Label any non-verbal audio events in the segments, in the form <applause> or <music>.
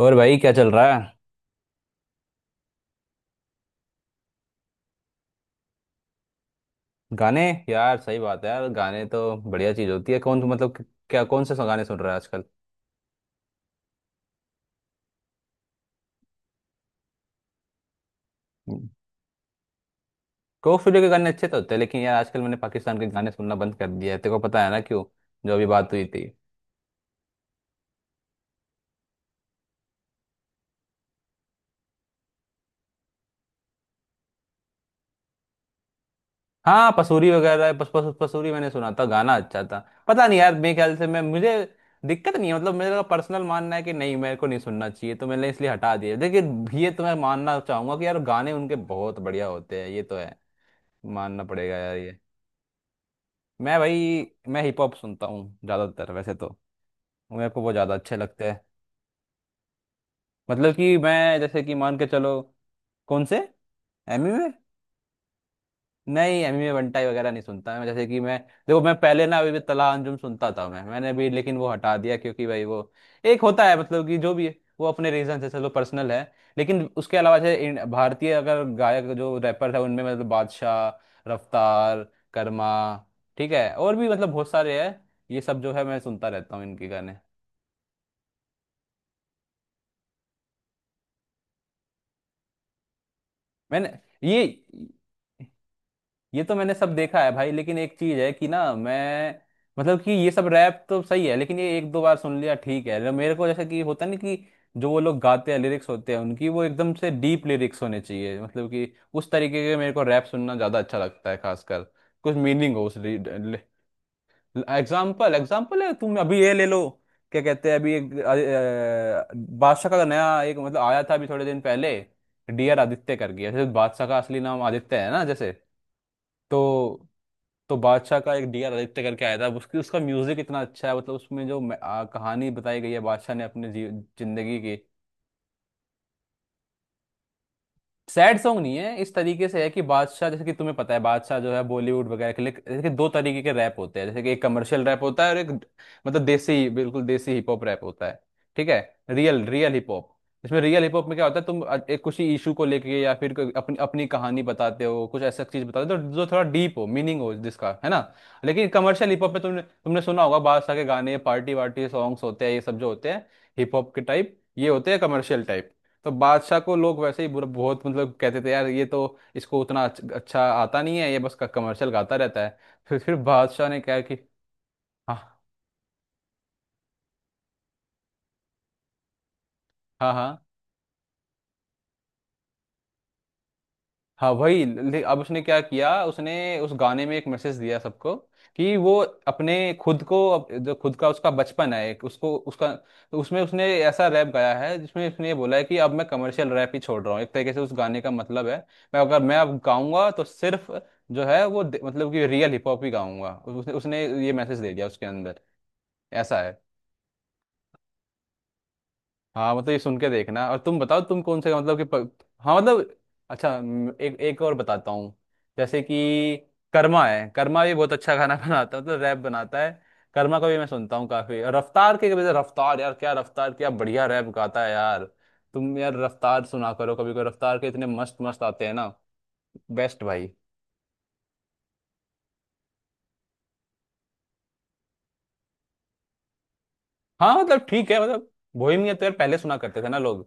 और भाई क्या चल रहा है? गाने। यार सही बात है, यार गाने तो बढ़िया चीज होती है। कौन क्या कौन से गाने सुन रहा है आजकल? कोक स्टूडियो के गाने अच्छे तो होते हैं, लेकिन यार आजकल मैंने पाकिस्तान के गाने सुनना बंद कर दिया है। तेरे को पता है ना क्यों? जो अभी बात हुई थी। हाँ, पसूरी वगैरह पस, पस, पसूरी मैंने सुना था, गाना अच्छा था। पता नहीं यार, मेरे ख्याल से मैं मुझे दिक्कत नहीं है, मतलब मेरा पर्सनल मानना है कि नहीं, मेरे को नहीं सुनना चाहिए, तो मैंने इसलिए हटा दिया। लेकिन ये तो मैं मानना चाहूंगा कि यार गाने उनके बहुत बढ़िया होते हैं, ये तो है। मानना पड़ेगा यार ये। मैं भाई मैं हिप हॉप सुनता हूँ ज़्यादातर वैसे तो। मेरे को वो ज़्यादा अच्छे लगते हैं। मतलब कि मैं जैसे कि मान के चलो। कौन से एमी? नहीं, एमएमए बंटाई वगैरह नहीं सुनता मैं। जैसे कि मैं, देखो मैं पहले ना, अभी भी तला अंजुम सुनता था मैं, मैंने भी, लेकिन वो हटा दिया क्योंकि भाई वो, एक होता है मतलब कि जो भी है वो अपने रीजन से, चलो पर्सनल है। लेकिन उसके अलावा जैसे भारतीय अगर गायक जो रैपर है उनमें, मतलब बादशाह, रफ्तार, कर्मा, ठीक है, और भी मतलब बहुत सारे हैं। ये सब जो है मैं सुनता रहता हूँ इनके गाने। मैंने ये ये तो मैंने सब देखा है भाई, लेकिन एक चीज है कि ना मैं, मतलब कि ये सब रैप तो सही है लेकिन ये एक दो बार सुन लिया ठीक है, लेकिन मेरे को जैसा कि होता नहीं कि जो वो लोग गाते हैं लिरिक्स होते हैं उनकी, वो एकदम से डीप लिरिक्स होने चाहिए, मतलब कि उस तरीके के मेरे को रैप सुनना ज्यादा अच्छा लगता है, खासकर कुछ मीनिंग हो उस। एग्जाम्पल एग्जाम्पल है, तुम अभी ये ले लो। क्या कहते हैं, अभी एक बादशाह का नया एक मतलब आया था अभी थोड़े दिन पहले, डियर आदित्य कर गया। जैसे बादशाह का असली नाम आदित्य है ना जैसे। तो तो बादशाह का एक डी आर आदित्य करके आया था, उसकी उसका म्यूजिक इतना अच्छा है। मतलब उसमें जो कहानी बताई गई है बादशाह ने अपने जिंदगी की। सैड सॉन्ग नहीं है, इस तरीके से है कि बादशाह, जैसे कि तुम्हें पता है बादशाह जो है बॉलीवुड वगैरह के लिए, जैसे कि दो तरीके के रैप होते हैं, जैसे कि एक कमर्शियल रैप होता है और एक मतलब देसी, बिल्कुल देसी हिप हॉप रैप होता है। ठीक है। Real, real hip hop. इसमें रियल हिप हॉप में क्या होता है, तुम एक कुछ इशू को लेके, या फिर कोई अपनी अपनी कहानी बताते हो, कुछ ऐसा चीज बताते हो तो जो थोड़ा डीप हो, मीनिंग हो जिसका, है ना। लेकिन कमर्शियल हिप हॉप में तुमने तुमने सुना होगा बादशाह के गाने पार्टी वार्टी सॉन्ग्स होते हैं, ये सब जो होते हैं हिप हॉप के टाइप, ये होते हैं कमर्शियल टाइप। तो बादशाह को लोग वैसे ही बुरा बहुत मतलब कहते थे यार, ये तो इसको उतना अच्छा आता नहीं है, ये बस कमर्शियल गाता रहता है। फिर बादशाह ने कहा कि, हाँ हाँ हाँ, हाँ वही अब उसने क्या किया, उसने उस गाने में एक मैसेज दिया सबको कि वो अपने, खुद को जो खुद का उसका बचपन है, एक उसको उसका, तो उसमें उसने ऐसा रैप गाया है जिसमें उसने ये बोला है कि अब मैं कमर्शियल रैप ही छोड़ रहा हूँ, एक तरीके से उस गाने का मतलब है। मैं अगर मैं अब गाऊंगा तो सिर्फ जो है वो मतलब कि रियल हिप हॉप ही गाऊंगा। उसने उसने ये मैसेज दे दिया उसके अंदर, ऐसा है। हाँ मतलब ये सुन के देखना। और तुम बताओ, तुम कौन से, मतलब कि प... हाँ मतलब, अच्छा एक, एक और बताता हूँ। जैसे कि कर्मा है, कर्मा भी बहुत अच्छा खाना <laughs> बनाता है, मतलब रैप बनाता है। कर्मा को भी मैं सुनता हूँ काफी, और रफ्तार के वजह, रफ्तार यार क्या, रफ्तार क्या बढ़िया रैप गाता है यार। तुम यार रफ्तार सुना करो कभी कभी, रफ्तार के इतने मस्त मस्त आते हैं ना, बेस्ट भाई। हाँ मतलब ठीक है, मतलब बोहेमियन तो यार पहले सुना करते थे ना लोग।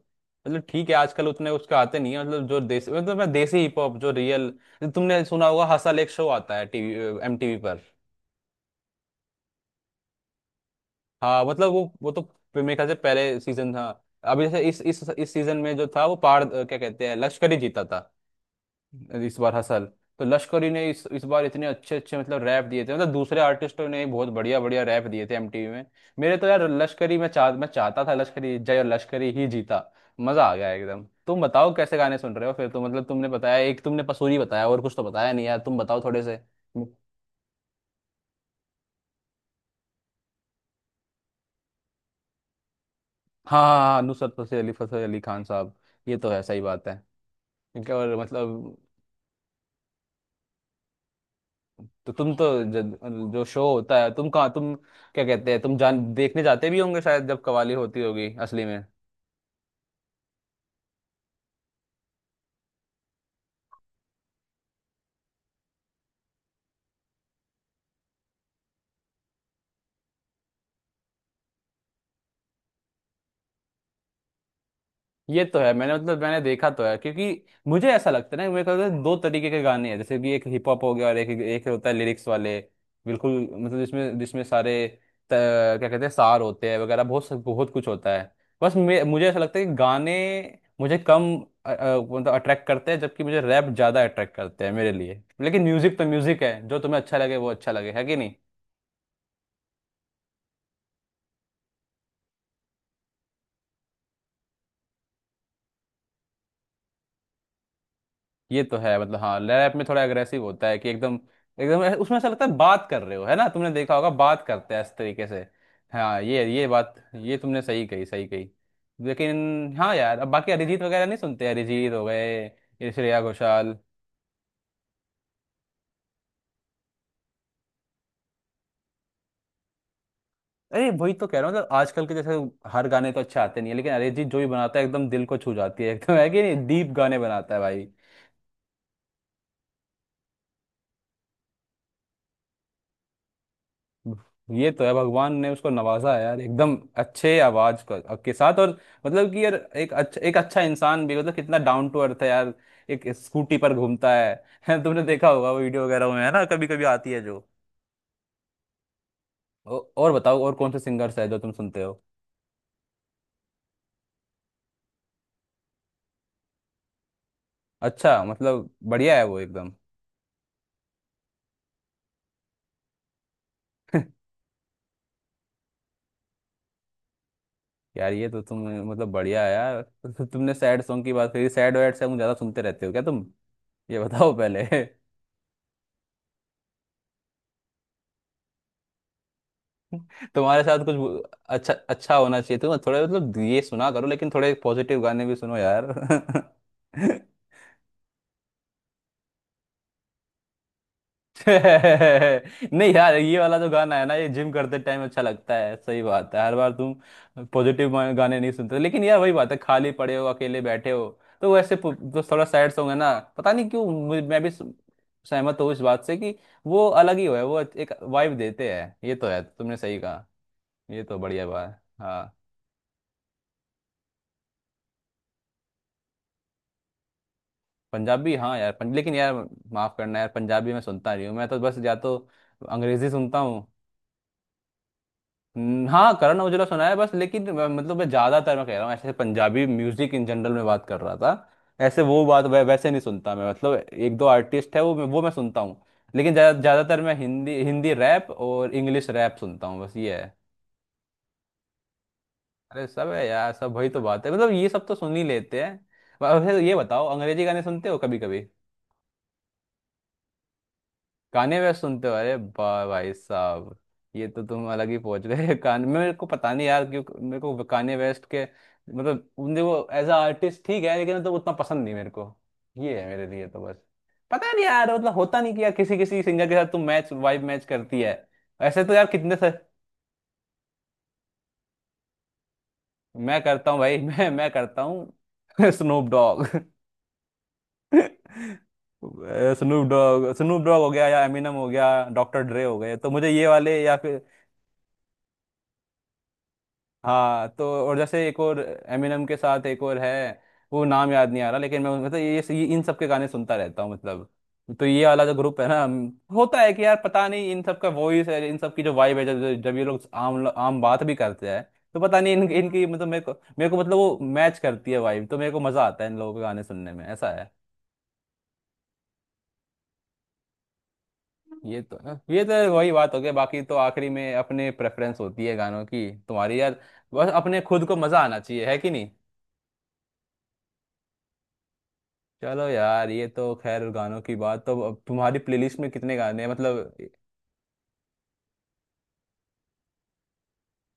मतलब ठीक है, आजकल उतने उसके आते नहीं है। मतलब जो देसी, मतलब मैं देसी हिप हॉप जो रियल, तुमने सुना होगा हसल एक शो आता है टीवी, एमटीवी पर। हाँ मतलब वो तो मेरे ख्याल से पहले सीजन था। अभी जैसे इस इस सीजन में जो था वो पार, क्या कहते हैं, लश्करी जीता था इस बार हसल। तो लश्करी ने इस बार इतने अच्छे अच्छे मतलब रैप दिए थे, मतलब दूसरे आर्टिस्टों ने भी बहुत बढ़िया बढ़िया रैप दिए थे एमटीवी में। मेरे तो यार लश्करी, मैं चाहता था लश्करी, जय और लश्करी ही जीता। मजा आ गया एकदम। तुम बताओ कैसे गाने सुन रहे हो फिर, तो मतलब तुमने बताया एक, तुमने पसूरी बताया और कुछ तो बताया नहीं यार, तुम बताओ थोड़े से। हाँ हाँ हाँ, नुसरत फतेह अली, फतेह अली खान साहब। ये तो है, सही बात है। इनका और मतलब, तो तुम तो जो शो होता है तुम कहाँ तुम, क्या कहते हैं, तुम जान देखने जाते भी होंगे शायद जब कवाली होती होगी असली में। ये तो है, मैंने मतलब मैंने देखा तो है, क्योंकि मुझे ऐसा लगता है ना, मेरे को लगता है दो तरीके के गाने हैं, जैसे कि एक हिप हॉप हो गया, और एक एक होता है लिरिक्स वाले, बिल्कुल, मतलब जिसमें जिसमें सारे क्या कहते हैं, सार होते हैं वगैरह, बहुत बहुत कुछ होता है। बस मुझे ऐसा लगता है कि गाने मुझे कम मतलब अट्रैक्ट करते हैं, जबकि मुझे रैप ज़्यादा अट्रैक्ट करते हैं मेरे लिए। लेकिन म्यूजिक तो म्यूजिक है, जो तुम्हें अच्छा लगे वो अच्छा लगे, है कि। ये तो है मतलब, हाँ लैप में थोड़ा एग्रेसिव होता है कि एकदम, एकदम उसमें ऐसा लगता है बात कर रहे हो, है ना, तुमने देखा होगा बात करते हैं इस तरीके से। हाँ ये बात ये तुमने सही कही, सही कही। लेकिन हाँ यार, अब बाकी अरिजीत वगैरह नहीं सुनते? अरिजीत हो गए, ये श्रेया घोषाल। अरे वही तो कह रहा हूँ, मतलब आजकल के जैसे हर गाने तो अच्छे आते नहीं है, लेकिन अरिजीत जो भी बनाता है एकदम दिल को छू जाती है <laughs> एकदम है कि नहीं, डीप गाने बनाता है भाई। ये तो है, भगवान ने उसको नवाजा है यार, एकदम अच्छे आवाज के साथ। और मतलब कि यार एक अच्छा, एक अच्छा इंसान भी, मतलब कितना डाउन टू अर्थ है यार। एक स्कूटी पर घूमता है <laughs> तुमने देखा होगा वो वीडियो वगैरह में है ना, कभी कभी आती है जो। और बताओ और कौन से सिंगर्स है जो तुम सुनते हो? अच्छा मतलब बढ़िया है वो एकदम। <laughs> यार ये तो तुम, मतलब बढ़िया है यार। <laughs> तो तुमने सैड सॉन्ग की बात करी, सैड वैड सॉन्ग ज्यादा सुनते रहते हो क्या तुम? ये बताओ पहले। <laughs> तुम्हारे साथ कुछ अच्छा अच्छा होना चाहिए तुम। थोड़े मतलब ये सुना करो, लेकिन थोड़े पॉजिटिव गाने भी सुनो यार। <laughs> नहीं यार, ये वाला जो गाना है ना, ये जिम करते टाइम अच्छा लगता है, सही बात है, हर बार तुम पॉजिटिव गाने नहीं सुनते, लेकिन यार वही बात है, खाली पड़े हो, अकेले बैठे हो, तो वैसे जो थोड़ा सैड सॉन्ग है ना, पता नहीं क्यों मैं भी सहमत हूँ इस बात से कि वो अलग ही हो है, वो एक वाइब देते हैं, ये तो है, तुमने सही कहा। ये तो बढ़िया बात है। हाँ पंजाबी, हाँ यार लेकिन यार माफ करना यार, पंजाबी मैं सुनता नहीं हूँ, मैं तो बस या तो अंग्रेजी सुनता हूँ। हाँ करण औजला सुना है बस, लेकिन मतलब मैं ज्यादातर, मैं कह रहा हूँ ऐसे पंजाबी म्यूजिक इन जनरल में बात कर रहा था। ऐसे वो बात वैसे नहीं सुनता मैं, मतलब एक दो आर्टिस्ट है वो वो मैं सुनता हूँ। लेकिन ज्यादातर मैं हिंदी हिंदी रैप और इंग्लिश रैप सुनता हूँ, बस ये है। अरे सब है यार, सब वही तो बात है, मतलब ये सब तो सुन ही लेते हैं। वैसे ये बताओ अंग्रेजी गाने सुनते हो कभी कभी? गाने वे सुनते हो, अरे बा भाई साहब, ये तो तुम अलग ही पहुंच गए। <laughs> कान, मेरे को पता नहीं यार क्यों, मेरे को कान्ये वेस्ट के मतलब उनके वो, एज अ आर्टिस्ट ठीक है, लेकिन तो उतना पसंद नहीं मेरे को, ये है मेरे लिए तो बस। पता नहीं यार, मतलब होता नहीं कि यार किसी किसी सिंगर के साथ तुम मैच, वाइब मैच करती है। ऐसे तो यार कितने से। मैं करता हूँ भाई, <laughs> मैं करता हूँ। <laughs> Snoop Dogg. <laughs> Snoop Dogg, Snoop dog <laughs> हो गया, या एमिनम हो गया, डॉक्टर ड्रे हो गए, तो मुझे ये वाले, या फिर हाँ तो, और जैसे एक और एमिनम के साथ एक और है, वो नाम याद नहीं आ रहा, लेकिन मैं मतलब ये इन सब के गाने सुनता रहता हूँ मतलब। तो ये वाला जो ग्रुप है ना, होता है कि यार पता नहीं इन सब का वॉइस है, इन सब की जो वाइब है, जब जब ये लोग आम आम बात भी करते हैं तो पता नहीं इन, इनकी मतलब मेरे को, मेरे को मतलब वो मैच करती है वाइब, तो मेरे को मजा आता है इन लोगों के गाने सुनने में, ऐसा है। ये तो, ये तो वही बात हो गई। बाकी तो आखिरी में अपने प्रेफरेंस होती है गानों की तुम्हारी यार, बस अपने खुद को मजा आना चाहिए, है कि। चलो यार, ये तो खैर, गानों की बात तो, अब तुम्हारी प्लेलिस्ट में कितने गाने हैं मतलब?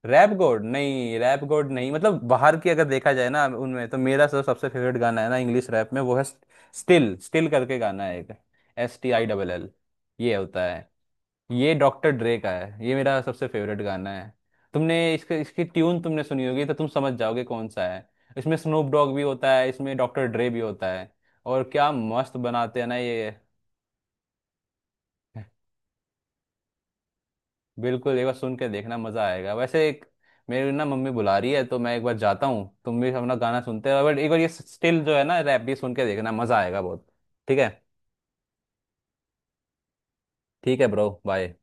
रैप गोड नहीं, रैप गोड नहीं, मतलब बाहर की अगर देखा जाए ना उनमें तो मेरा सब, सबसे फेवरेट गाना है ना इंग्लिश रैप में, वो है स्टिल, स्टिल करके गाना है एक, STILL, ये होता है। ये डॉक्टर ड्रे का है, ये मेरा सबसे फेवरेट गाना है। तुमने इसके, इसकी ट्यून तुमने सुनी होगी तो तुम समझ जाओगे कौन सा है। इसमें स्नूप डॉग भी होता है, इसमें डॉक्टर ड्रे भी होता है, और क्या मस्त बनाते हैं ना ये। <laughs> बिल्कुल एक बार सुन के देखना, मजा आएगा। वैसे एक, मेरी ना मम्मी बुला रही है, तो मैं एक बार जाता हूँ, तुम भी अपना गाना सुनते रहो, बट एक बार ये स्टिल जो है ना रैप भी सुन के देखना, मजा आएगा बहुत। ठीक है। ठीक है ब्रो बाय।